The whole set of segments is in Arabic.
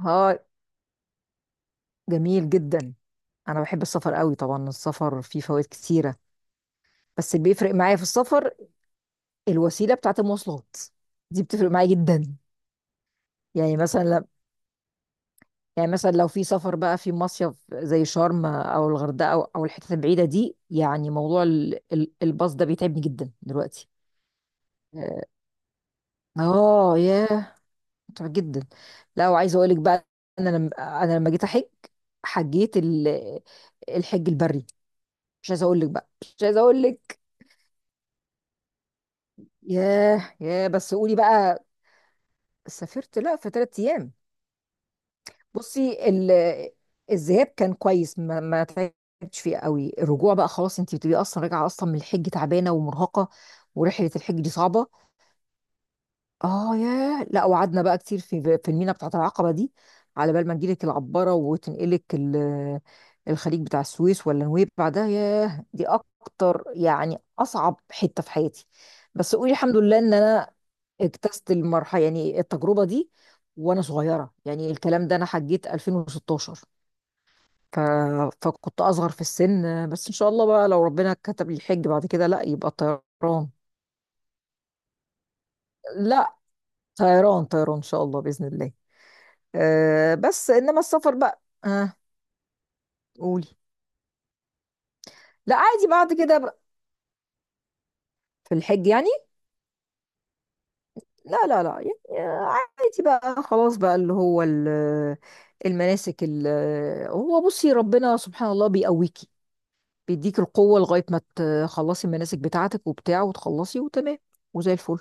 ها. جميل جدا. انا بحب السفر قوي، طبعا السفر فيه فوائد كتيره، بس اللي بيفرق معايا في السفر الوسيله بتاعت المواصلات، دي بتفرق معايا جدا. يعني مثلا ل- يعني مثلا لو في سفر بقى في مصيف زي شرم او الغردقه او الحتت البعيده دي، يعني موضوع الباص ده بيتعبني جدا دلوقتي. اه ياه، متعب جدا. لا وعايزه اقول لك بقى، انا لما انا لما جيت احج، حجيت ال- الحج البري. مش عايزه اقول لك بقى، مش عايزه اقول لك. ياه ياه، بس قولي بقى. سافرت لا في 3 ايام. بصي. الذهاب كان كويس، ما تعبتش فيه قوي. الرجوع بقى خلاص، انت بتبقي اصلا راجعه اصلا من الحج تعبانه ومرهقه. ورحله الحج دي صعبه. اه ياه. لا وقعدنا بقى كتير في المينا بتاعت العقبة دي، على بال ما تجيلك العبارة وتنقلك الخليج بتاع السويس ولا نويبع. ده ياه، دي اكتر، يعني اصعب حتة في حياتي. بس قولي الحمد لله ان انا اجتزت المرحلة، يعني التجربة دي وانا صغيرة. يعني الكلام ده انا حجيت 2016. ف... فكنت اصغر في السن. بس ان شاء الله بقى لو ربنا كتب لي الحج بعد كده، لا يبقى طيران. لا. طيران طيران ان شاء الله، باذن الله. بس انما السفر بقى. قولي. لا عادي بعد كده بقى، في الحج يعني. لا لا لا يعني، آه، عادي بقى خلاص بقى اللي هو المناسك هو بصي ربنا سبحان الله بيقويكي، بيديك القوة لغاية ما تخلصي المناسك بتاعتك وبتاع وتخلصي وتمام وزي الفل.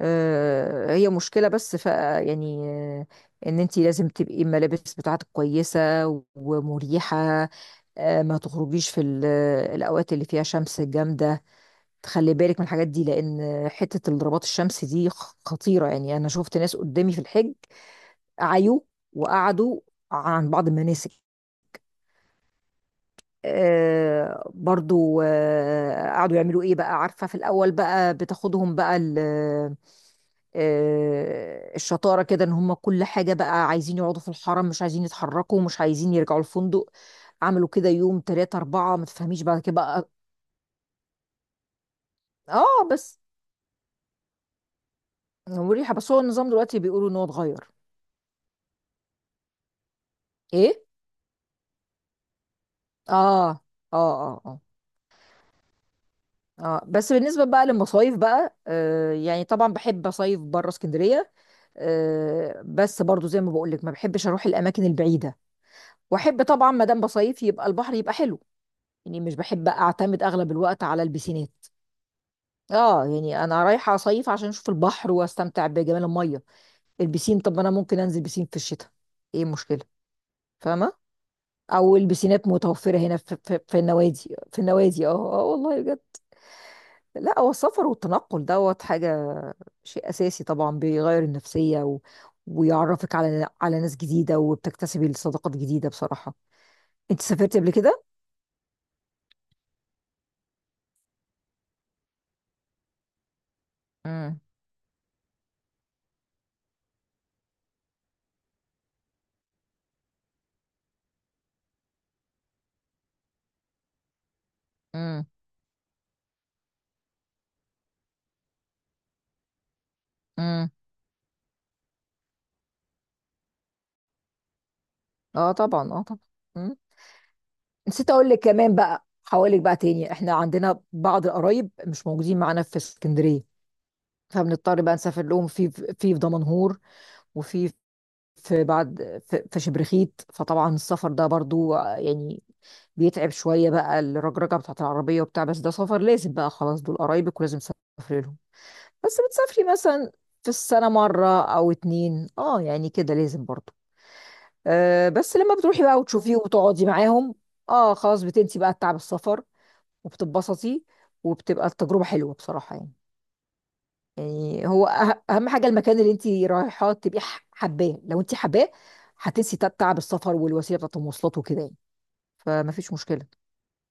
آه، هي مشكلة، بس ف يعني، آه، ان انتي لازم تبقي الملابس بتاعتك كويسة ومريحة. آه، ما تخرجيش في الاوقات اللي فيها شمس جامدة. تخلي بالك من الحاجات دي، لان حتة الضربات الشمس دي خطيرة. يعني انا شفت ناس قدامي في الحج عيوا وقعدوا عن بعض المناسك. آه برضو آه، قعدوا يعملوا ايه بقى؟ عارفة، في الاول بقى بتاخدهم بقى آه، الشطارة كده ان هم كل حاجة بقى عايزين يقعدوا في الحرم، مش عايزين يتحركوا، مش عايزين يرجعوا الفندق. عملوا كده يوم تلاتة أربعة، ما تفهميش بعد كده بقى. اه بس. مريحة، بس هو النظام دلوقتي بيقولوا ان هو اتغير. ايه. اه، اه، اه، اه، اه، بس بالنسبة بقى للمصايف بقى، آه، يعني طبعا بحب اصيف بره اسكندرية. آه بس برضو زي ما بقول لك، ما بحبش اروح الاماكن البعيدة. واحب طبعا ما دام بصيف يبقى البحر يبقى حلو. يعني مش بحب اعتمد اغلب الوقت على البسين. اه، يعني انا رايحه اصيف عشان اشوف البحر واستمتع بجمال الميه. البسين، طب ما انا ممكن انزل بسين في الشتاء. ايه المشكله؟ فاهمه. او البسينات متوفره هنا في النوادي في النوادي. اه. اه والله بجد. لا هو السفر والتنقل دوت حاجه، شيء اساسي، طبعا بيغير النفسيه ويعرفك على ناس جديده وبتكتسبي صداقات جديده بصراحه. انت سافرتي قبل كده؟ امم. امم. امم. اه طبعا، اه طبعا. نسيت اقول لك كمان بقى حوالك بقى تاني، احنا عندنا بعض القرايب مش موجودين معانا في اسكندريه، فبنضطر بقى نسافر لهم في دمنهور. وفي، في بعد، في شبرخيت. فطبعا السفر ده برضو يعني بيتعب شويه بقى، الرجرجه بتاعت العربيه وبتاع، بس ده سفر لازم بقى خلاص، دول قرايبك ولازم تسافري لهم. بس بتسافري مثلا في السنه مره او اتنين، اه يعني كده لازم برضو. أه بس لما بتروحي بقى وتشوفيه وتقعدي معاهم، اه خلاص بتنسي بقى تعب السفر وبتتبسطي، وبتبقى التجربة حلوة بصراحة يعني. يعني هو أهم حاجة المكان اللي أنت رايحة تبقي حباه، لو أنت حباه هتنسي تعب السفر والوسيلة بتاعت المواصلات وكده يعني. فما فيش مشكلة.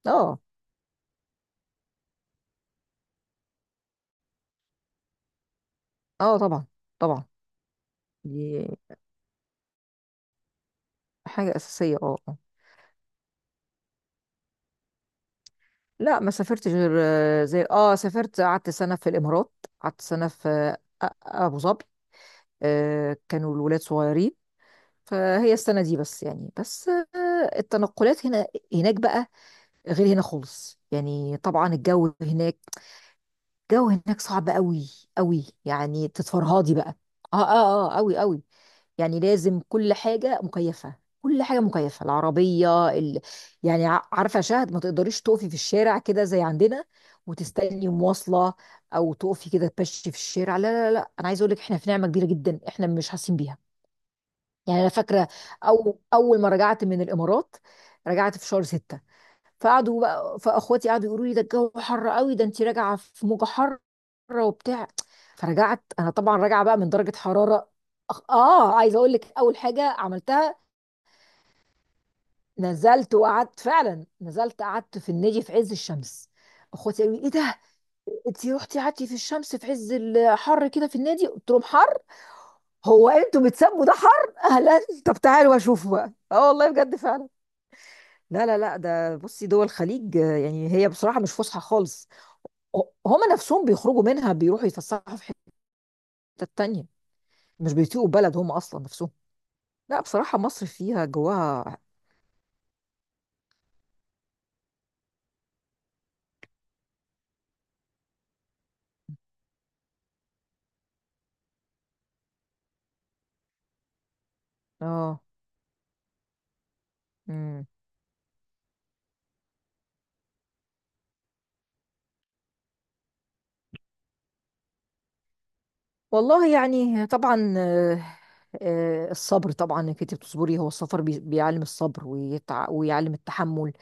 اه، اه طبعا، طبعا. دي حاجة أساسية اه آه. لا ما سافرتش غير آه، زي اه، سافرت قعدت سنة في الإمارات. قعدت سنة في آه، أبو ظبي. آه، كانوا الولاد صغيرين، فهي السنة دي بس يعني، بس آه، التنقلات هنا، هناك بقى غير هنا خالص يعني، طبعا الجو هناك، الجو هناك صعب قوي قوي يعني، تتفرهدي بقى. اه اه اه قوي قوي، يعني لازم كل حاجة مكيفة، كل حاجة مكيفة، العربية يعني عارفة شهد، ما تقدريش تقفي في الشارع كده زي عندنا وتستني مواصلة، او تقفي كده تمشي في الشارع، لا. لا انا عايزه اقول لك احنا في نعمة كبيرة جدا، احنا مش حاسين بيها. يعني انا فاكرة اول ما رجعت من الامارات، رجعت في شهر ستة. فقعدوا بقى فاخواتي قعدوا يقولوا لي ده الجو حر قوي، ده انت راجعه في موجه حاره وبتاع، فرجعت انا طبعا راجعه بقى من درجه حراره. اه عايزه اقول لك اول حاجه عملتها، نزلت وقعدت فعلا، نزلت قعدت في النادي في عز الشمس. اخواتي قالوا لي ايه ده، انت رحتي قعدتي في الشمس في عز الحر كده في النادي؟ قلت لهم حر. هو انتوا بتسموا ده حر؟ اهلا. طب تعالوا اشوفوا بقى، اه والله بجد فعلا. لا ده بصي دول الخليج آه، يعني هي بصراحه مش فسحه خالص. هما نفسهم بيخرجوا منها بيروحوا يتفسحوا في حتة تانية. مش بيطيقوا بلد هما أصلا نفسهم. لا بصراحة مصر فيها جواها. اه. مم. والله يعني طبعا آه، آه، الصبر طبعا، انك انت بتصبري، هو السفر بيعلم الصبر ويعلم التحمل.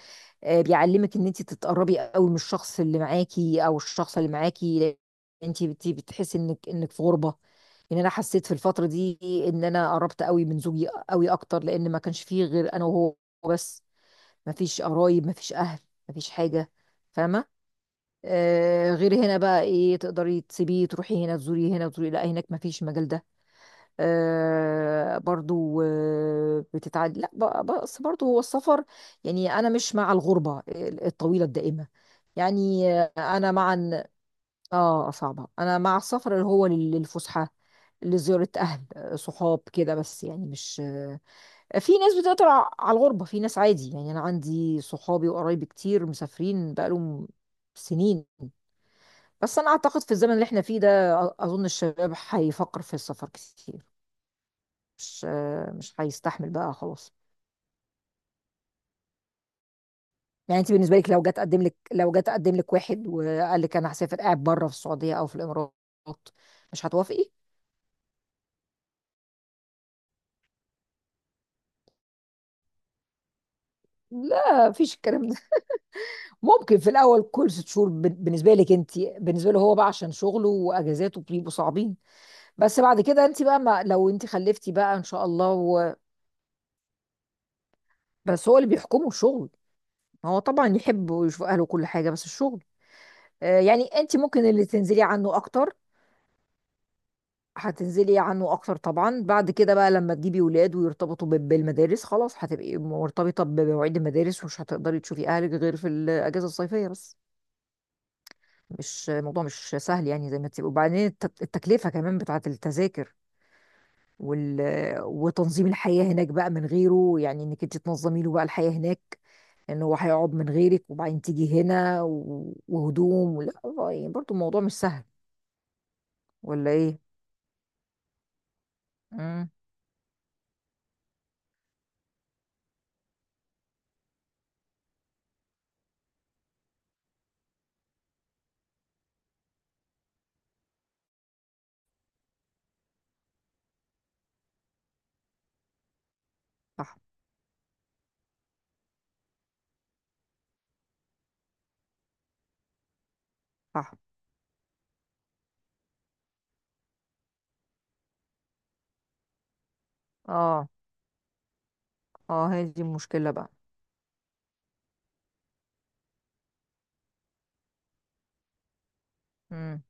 آه، بيعلمك ان انت تتقربي قوي من الشخص اللي معاكي او الشخص اللي معاكي. انت بتحسي انك في غربة. يعني انا حسيت في الفتره دي ان انا قربت قوي من زوجي، قوي اكتر، لان ما كانش فيه غير انا وهو بس. ما فيش قرايب، ما فيش اهل، ما فيش حاجه، فاهمه. آه غير هنا بقى ايه، تقدري تسيبيه تروحي هنا تزوري هنا تزوري، لا هناك ما فيش المجال ده. آه برضو آه بتتعد، لا بس برضو هو السفر، يعني انا مش مع الغربه الطويله الدائمه. يعني انا مع، اه صعبة، انا مع السفر اللي هو للفسحة، لزيارة اهل، آه، صحاب كده بس، يعني مش آه. في ناس بتقدر على الغربة، في ناس عادي، يعني انا عندي صحابي وقرايبي كتير مسافرين بقالهم سنين. بس انا اعتقد في الزمن اللي احنا فيه ده، اظن الشباب هيفكر في السفر كتير، مش آه، مش هيستحمل بقى خلاص. يعني انت بالنسبة لك، لو جت اقدم لك، واحد وقال لك انا هسافر قاعد بره في السعودية او في الامارات، مش هتوافقي؟ لا مفيش الكلام ده. ممكن في الاول كل 6 شهور بالنسبه لك انت، بالنسبه له هو بقى عشان شغله واجازاته بيبقوا صعبين. بس بعد كده انت بقى، ما لو انت خلفتي بقى ان شاء الله بس هو اللي بيحكمه الشغل. هو طبعا يحب ويشوف اهله كل حاجه، بس الشغل. آه يعني انت ممكن اللي تنزلي عنه اكتر، هتنزلي عنه اكتر طبعا. بعد كده بقى لما تجيبي ولاد ويرتبطوا بالمدارس، خلاص هتبقي مرتبطه بمواعيد المدارس، ومش هتقدري تشوفي اهلك غير في الاجازه الصيفيه بس. مش الموضوع، مش سهل يعني، زي ما تبقى وبعدين التكلفة كمان بتاعة التذاكر وال... وتنظيم الحياة هناك بقى من غيره، يعني انك انت تنظمي له بقى الحياة هناك، ان هو هيقعد من غيرك وبعدين تيجي هنا وهدوم ولا، يعني برضو الموضوع مش سهل، ولا ايه؟ امم. صح. صح. اه، اه هي دي المشكلة بقى. امم.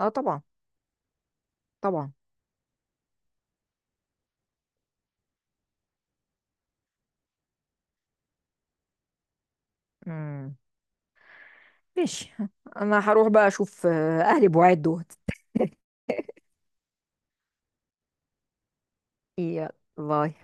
اه طبعا، طبعا. امم. ماشي، انا هروح بقى اشوف آه، اهلي بوعد دول. يلا باي.